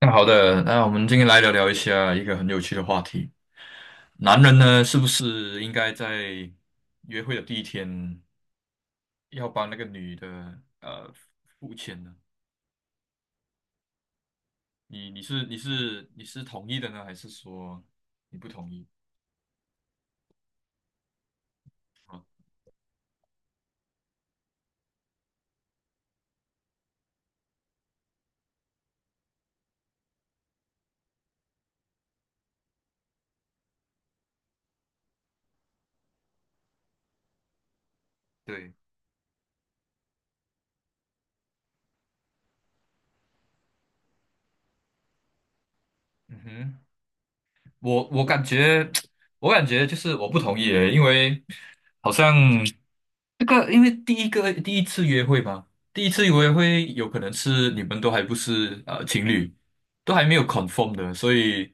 那好的，那我们今天来聊聊一下一个很有趣的话题。男人呢，是不是应该在约会的第一天要帮那个女的付钱呢？你是同意的呢，还是说你不同意？对，嗯哼，我我感觉 我感觉就是我不同意耶，因为好像。这个因为第一次约会嘛，第一次约会有可能是你们都还不是情侣，都还没有 confirm 的，所以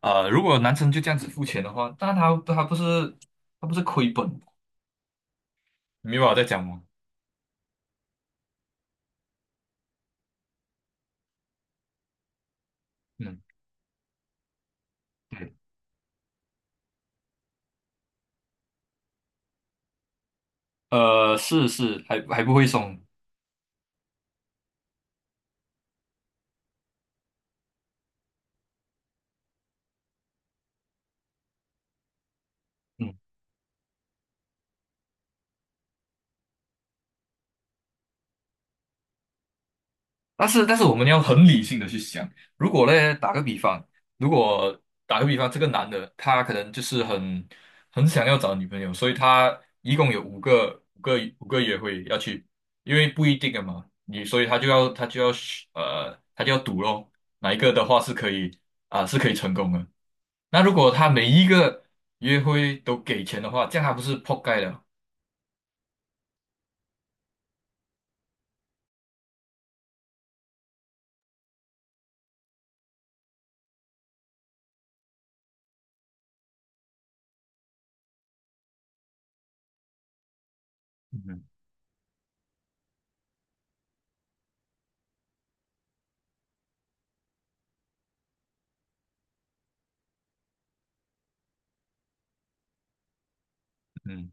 如果男生就这样子付钱的话，那他他不是他不是亏本？你明白我在讲吗？嗯，对，还不会送，嗯。但是，但是我们要很理性的去想，如果呢，打个比方，如果打个比方，这个男的他可能就是很想要找女朋友，所以他一共有五个约会要去，因为不一定的嘛，你所以他就要赌咯，哪一个的话是可以啊、是可以成功的。那如果他每一个约会都给钱的话，这样他不是破盖了？嗯嗯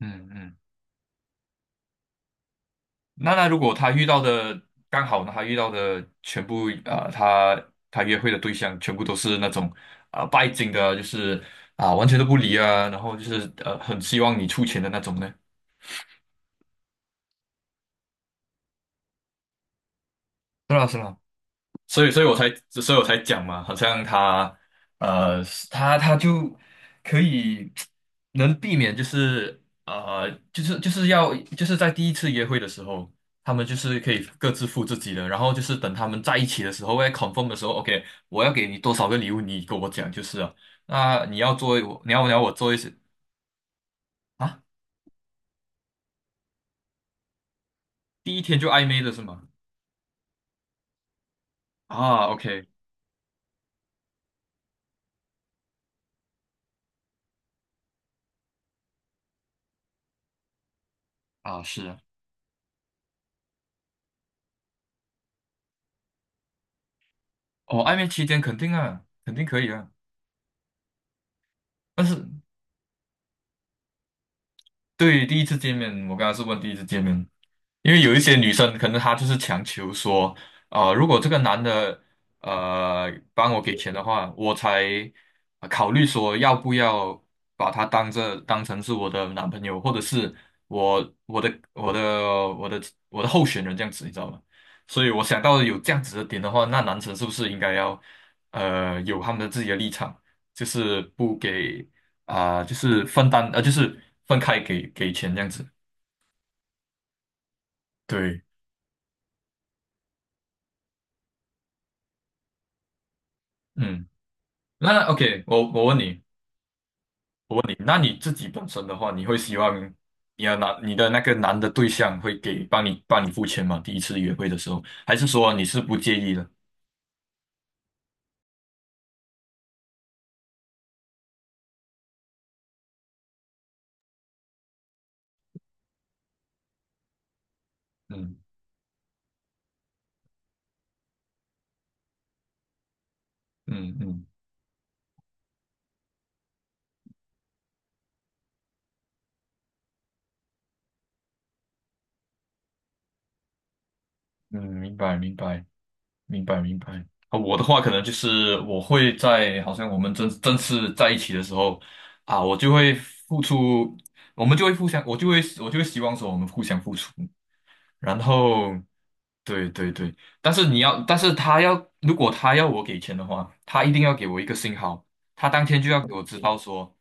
嗯嗯。那如果他遇到的刚好呢，他遇到的全部啊、他约会的对象全部都是那种啊、呃拜金的，就是啊、完全都不理啊，然后就是呃很希望你出钱的那种呢？是啦是啦，所以，所以我才，所以我才讲嘛，好像他，呃，他他就可以能避免，就是呃，就是就是要就是在第一次约会的时候，他们就是可以各自付自己的，然后就是等他们在一起的时候，要 confirm 的时候，OK，我要给你多少个礼物，你跟我讲就是了。那你要做，你要你要我做一些啊，第一天就暧昧的是吗？啊，OK，啊，是啊，哦，暧昧期间肯定啊，肯定可以啊。但是。对，第一次见面，我刚刚是问第一次见面，因为有一些女生可能她就是强求说，啊，如果这个男的帮我给钱的话，我才考虑说要不要把他当这当成是我的男朋友，或者是我我的我的我的我的候选人这样子，你知道吗？所以我想到有这样子的点的话，那男生是不是应该要有他们的自己的立场，就是不给。啊、就是分担，呃，就是分开给钱这样子。对，嗯，那 OK，我我问你，问你，那你自己本身的话，你会希望你的那个男的对象会给帮你付钱吗？第一次约会的时候，还是说你是不介意的？嗯嗯嗯嗯，明白明白明白明白。啊，我的话可能就是我会在好像我们正式在一起的时候啊，我就会付出，我们就会互相，我就会希望说我们互相付出。然后对对对，但是他要，如果他要我给钱的话，他一定要给我一个信号，他当天就要给我知道说，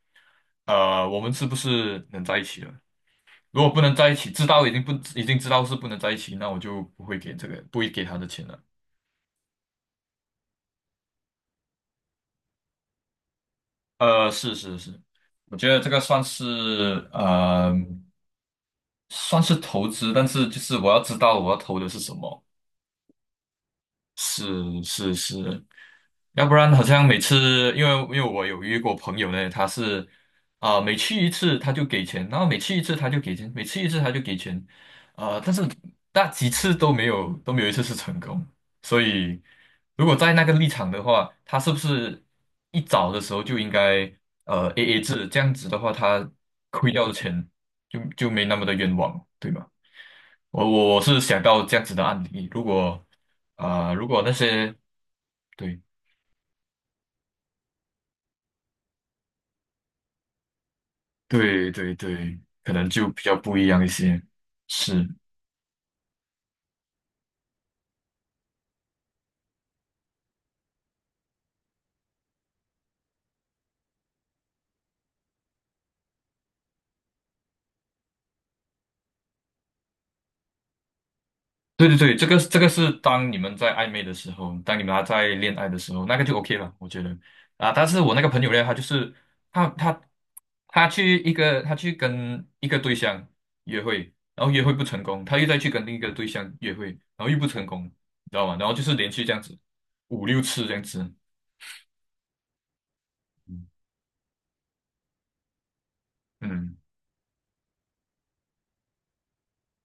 呃，我们是不是能在一起了？如果不能在一起，知道已经不已经知道是不能在一起，那我就不会给这个，不会给他的钱了。呃，是是是，我觉得这个算是呃，算是投资，但是就是我要知道我要投的是什么。是是是，要不然好像每次，因为我有约过朋友呢，他是啊、每去一次他就给钱，然后每去一次他就给钱，每去一次他就给钱，呃，但是那几次都没有一次是成功，所以如果在那个立场的话，他是不是一早的时候就应该AA 制，这样子的话他亏掉的钱就没那么的冤枉，对吧？我是想到这样子的案例，如果啊、如果那些。对。对对对，可能就比较不一样一些。是，对对对，这个这个是当你们在暧昧的时候，当你们还在恋爱的时候，那个就 OK 了，我觉得啊。但是我那个朋友呢，他就是他他他去一个他去跟一个对象约会，然后约会不成功，他又再去跟另一个对象约会，然后又不成功，你知道吗？然后就是连续这样子五六次这样子。嗯嗯，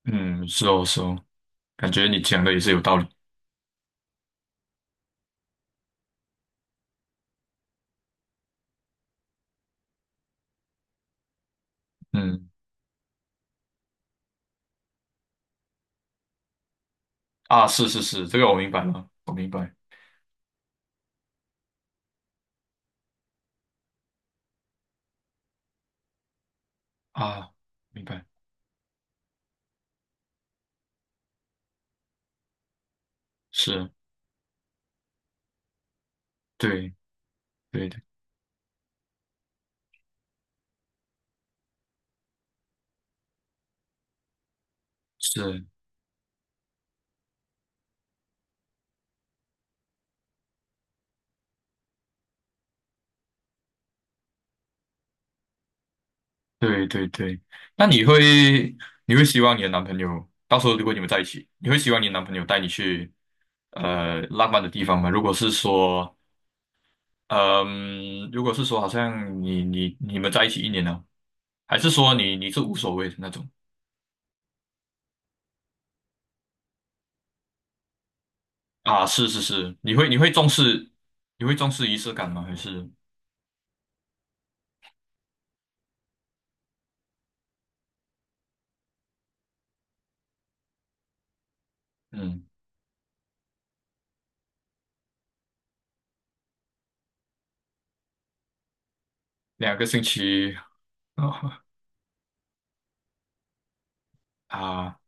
嗯是哦是哦，感觉你讲的也是有道理。嗯。啊，是是是，这个我明白了，我明白啊，明白，是，对对对，是，对对对。那你会希望你的男朋友到时候如果你们在一起，你会希望你的男朋友带你去浪漫的地方吗？如果是说，嗯、如果是说好像你们在一起一年了，还是说你是无所谓的那种啊？是是是，你会重视你会重视仪式感吗？还是嗯两个星期？啊，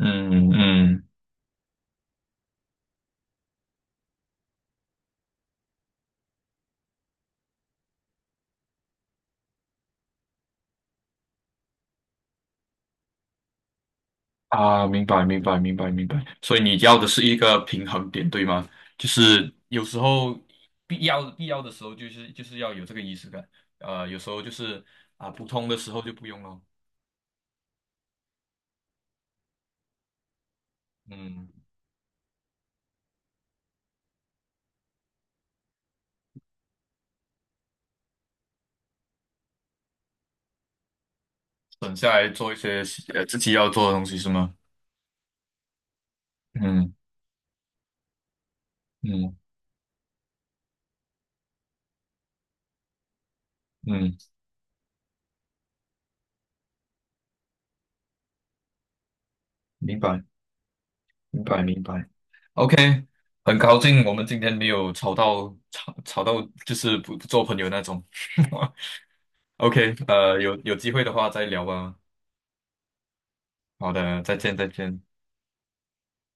嗯嗯啊，明白明白明白明白，所以你要的是一个平衡点，对吗？就是有时候必要的时候，就是要有这个仪式感，呃，有时候就是啊不通的时候就不用了，嗯，省下来做一些自己要做的东西是吗？嗯嗯嗯，明白明白明白，OK，很高兴我们今天没有吵到到就是不做朋友那种 ，OK，呃，有机会的话再聊吧。好的，再见，再见。